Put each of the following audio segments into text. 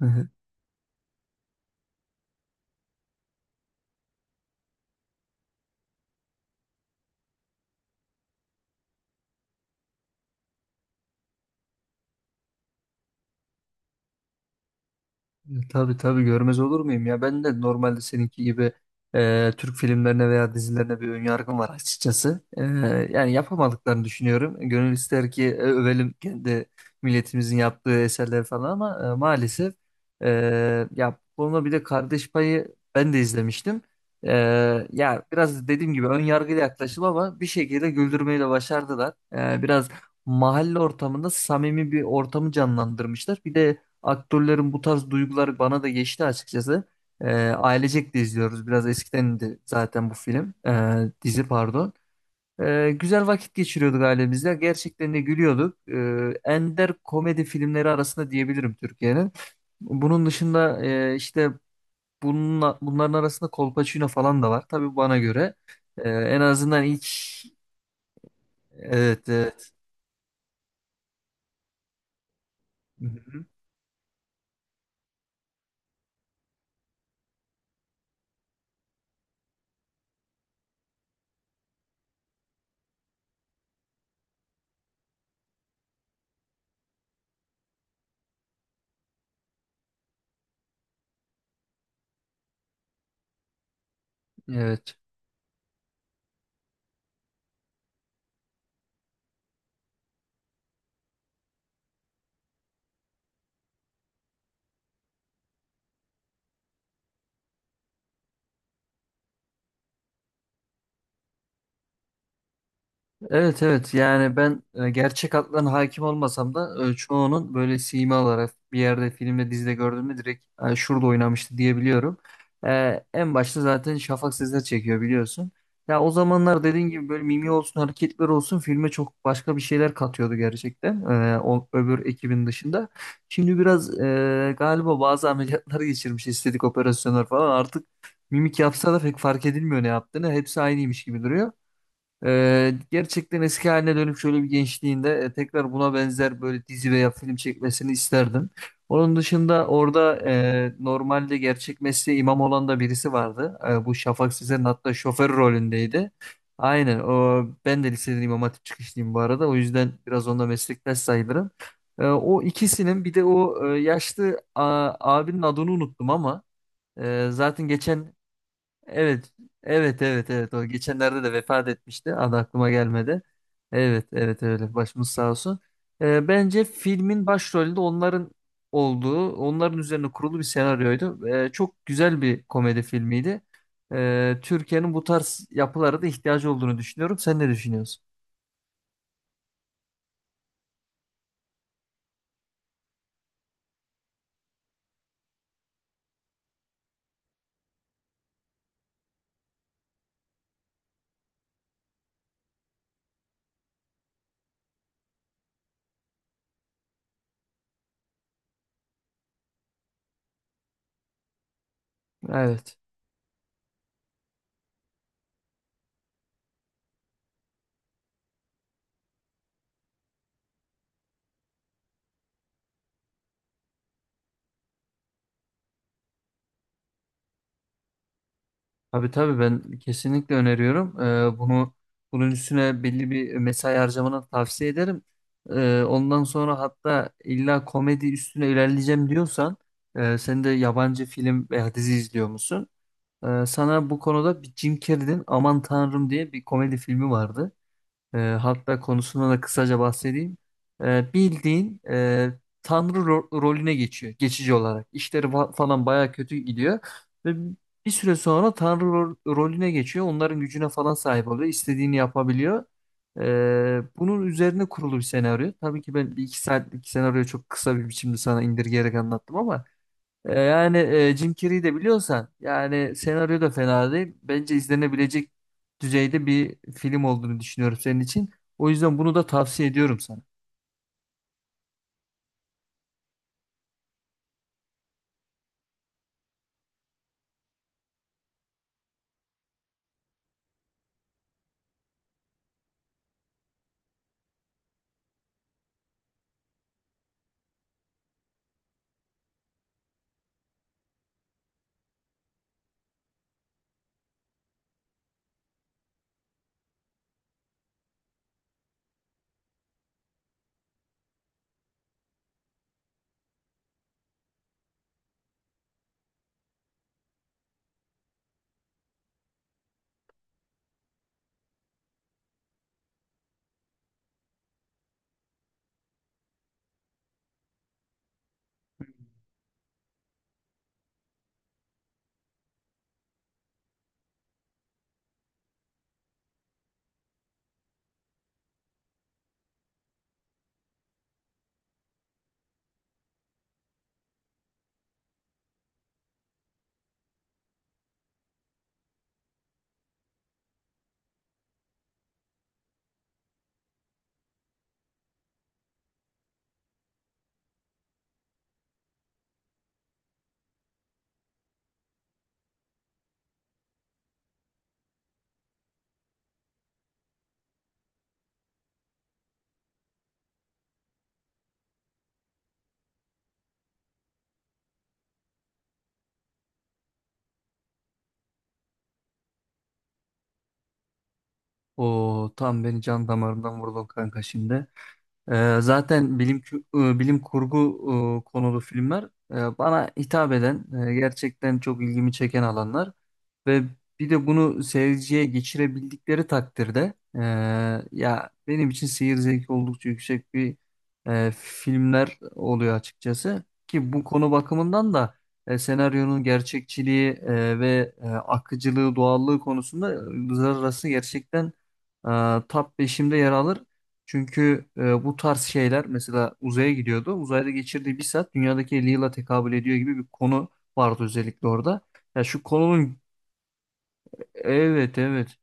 Hı. Tabii tabii görmez olur muyum ya? Ben de normalde seninki gibi Türk filmlerine veya dizilerine bir önyargım var açıkçası. Yani yapamadıklarını düşünüyorum. Gönül ister ki övelim kendi milletimizin yaptığı eserleri falan ama maalesef e, ya bu konuda bir de Kardeş Payı ben de izlemiştim. E, Ya biraz dediğim gibi ön yargıyla yaklaşım ama bir şekilde güldürmeyi de başardılar. Biraz mahalle ortamında samimi bir ortamı canlandırmışlar. Bir de aktörlerin bu tarz duyguları bana da geçti açıkçası. Ailecek de izliyoruz. Biraz eskiden de zaten bu film. Dizi pardon. Güzel vakit geçiriyorduk ailemizle. Gerçekten de gülüyorduk. Ender komedi filmleri arasında diyebilirim Türkiye'nin. Bunun dışında işte bununla, bunların arasında Kolpaçino falan da var. Tabii bana göre. En azından ilk evet evet. Evet, evet evet yani ben gerçek adlarına hakim olmasam da çoğunun böyle sima olarak bir yerde filmde dizide gördüğümde direkt "Ha, şurada oynamıştı" diyebiliyorum. En başta zaten Şafak Sezer çekiyor biliyorsun. Ya o zamanlar dediğin gibi böyle mimi olsun hareketler olsun filme çok başka bir şeyler katıyordu gerçekten öbür ekibin dışında. Şimdi biraz galiba bazı ameliyatları geçirmiş estetik operasyonlar falan artık mimik yapsa da pek fark edilmiyor ne yaptığını hepsi aynıymış gibi duruyor. Gerçekten eski haline dönüp şöyle bir gençliğinde tekrar buna benzer böyle dizi veya film çekmesini isterdim. Onun dışında orada normalde gerçek mesleği imam olan da birisi vardı. Bu Şafak Sezer'in hatta şoför rolündeydi. Aynen o, ben de liseden İmam Hatip çıkışlıyım bu arada. O yüzden biraz onda meslektaş sayılırım. O ikisinin bir de yaşlı abinin adını unuttum ama zaten geçen evet, evet. O geçenlerde de vefat etmişti. Adı aklıma gelmedi. Evet, evet öyle. Başımız sağ olsun. Bence filmin başrolünde onların olduğu, onların üzerine kurulu bir senaryoydu. Çok güzel bir komedi filmiydi. Türkiye'nin bu tarz yapılara da ihtiyacı olduğunu düşünüyorum. Sen ne düşünüyorsun? Evet. Tabii tabii ben kesinlikle öneriyorum. Bunun üstüne belli bir mesai harcamanı tavsiye ederim. Ondan sonra hatta illa komedi üstüne ilerleyeceğim diyorsan sen de yabancı film veya dizi izliyor musun? Sana bu konuda bir Jim Carrey'nin Aman Tanrım diye bir komedi filmi vardı. Hatta konusuna da kısaca bahsedeyim. Bildiğin tanrı rolüne geçiyor geçici olarak. İşleri falan baya kötü gidiyor ve bir süre sonra tanrı rolüne geçiyor. Onların gücüne falan sahip oluyor. İstediğini yapabiliyor. E, Bunun üzerine kurulu bir senaryo. Tabii ki ben bir iki saatlik senaryoyu çok kısa bir biçimde sana indirgeyerek anlattım ama Jim Carrey'i de biliyorsan yani senaryo da fena değil. Bence izlenebilecek düzeyde bir film olduğunu düşünüyorum senin için. O yüzden bunu da tavsiye ediyorum sana. O tam beni can damarından vurdun kanka şimdi. Zaten bilim kurgu konulu filmler bana hitap eden, gerçekten çok ilgimi çeken alanlar ve bir de bunu seyirciye geçirebildikleri takdirde ya benim için seyir zevki oldukça yüksek bir filmler oluyor açıkçası ki bu konu bakımından da senaryonun gerçekçiliği akıcılığı, doğallığı konusunda Yıldızlar Arası gerçekten top 5'imde yer alır. Çünkü bu tarz şeyler mesela uzaya gidiyordu. Uzayda geçirdiği bir saat dünyadaki 50 yıla tekabül ediyor gibi bir konu vardı özellikle orada. Ya şu konunun evet evet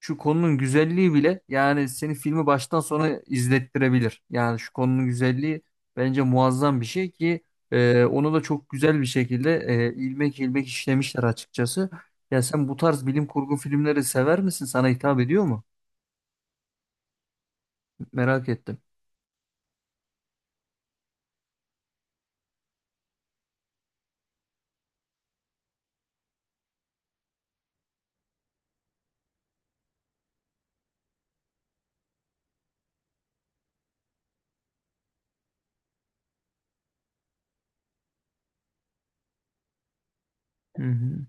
şu konunun güzelliği bile yani seni filmi baştan sona izlettirebilir. Yani şu konunun güzelliği bence muazzam bir şey ki onu da çok güzel bir şekilde ilmek ilmek işlemişler açıkçası. Ya sen bu tarz bilim kurgu filmleri sever misin? Sana hitap ediyor mu? Merak ettim. Hı hı.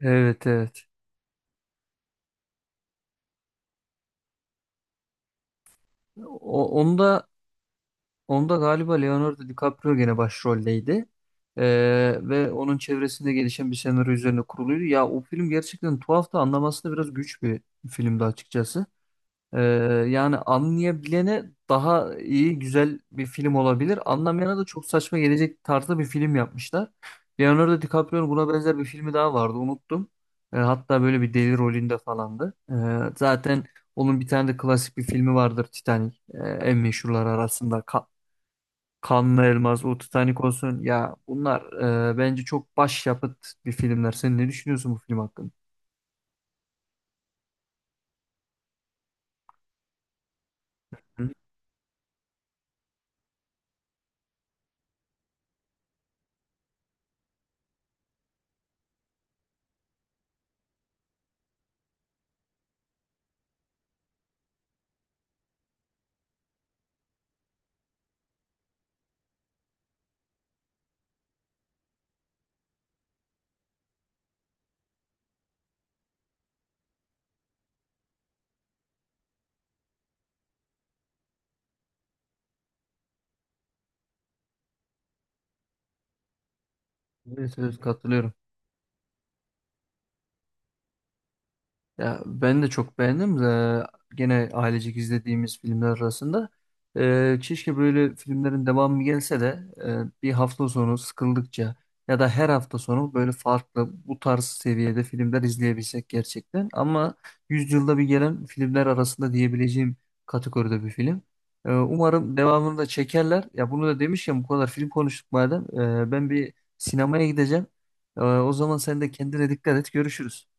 Evet evet. O, onda Onda galiba Leonardo DiCaprio gene başroldeydi. Ee, Ve onun çevresinde gelişen bir senaryo üzerine kuruluydu. Ya o film gerçekten tuhaf da anlaması da biraz güç bir filmdi açıkçası. Ee, Yani anlayabilene daha iyi, güzel bir film olabilir. Anlamayana da çok saçma gelecek tarzda bir film yapmışlar. Leonardo DiCaprio'nun buna benzer bir filmi daha vardı, unuttum. Hatta böyle bir deli rolünde falandı. Zaten onun bir tane de klasik bir filmi vardır, Titanic. En meşhurlar arasında. Kanlı Elmas, o Titanic olsun. Ya bunlar bence çok başyapıt bir filmler. Sen ne düşünüyorsun bu film hakkında? Hı? Evet, evet, katılıyorum. Ya ben de çok beğendim. De gene ailecek izlediğimiz filmler arasında. Keşke böyle filmlerin devamı gelse de bir hafta sonu sıkıldıkça ya da her hafta sonu böyle farklı bu tarz seviyede filmler izleyebilsek gerçekten. Ama yüzyılda bir gelen filmler arasında diyebileceğim kategoride bir film. Umarım devamını da çekerler. Ya bunu da demişken bu kadar film konuştuk madem. Ben bir sinemaya gideceğim. O zaman sen de kendine dikkat et. Görüşürüz.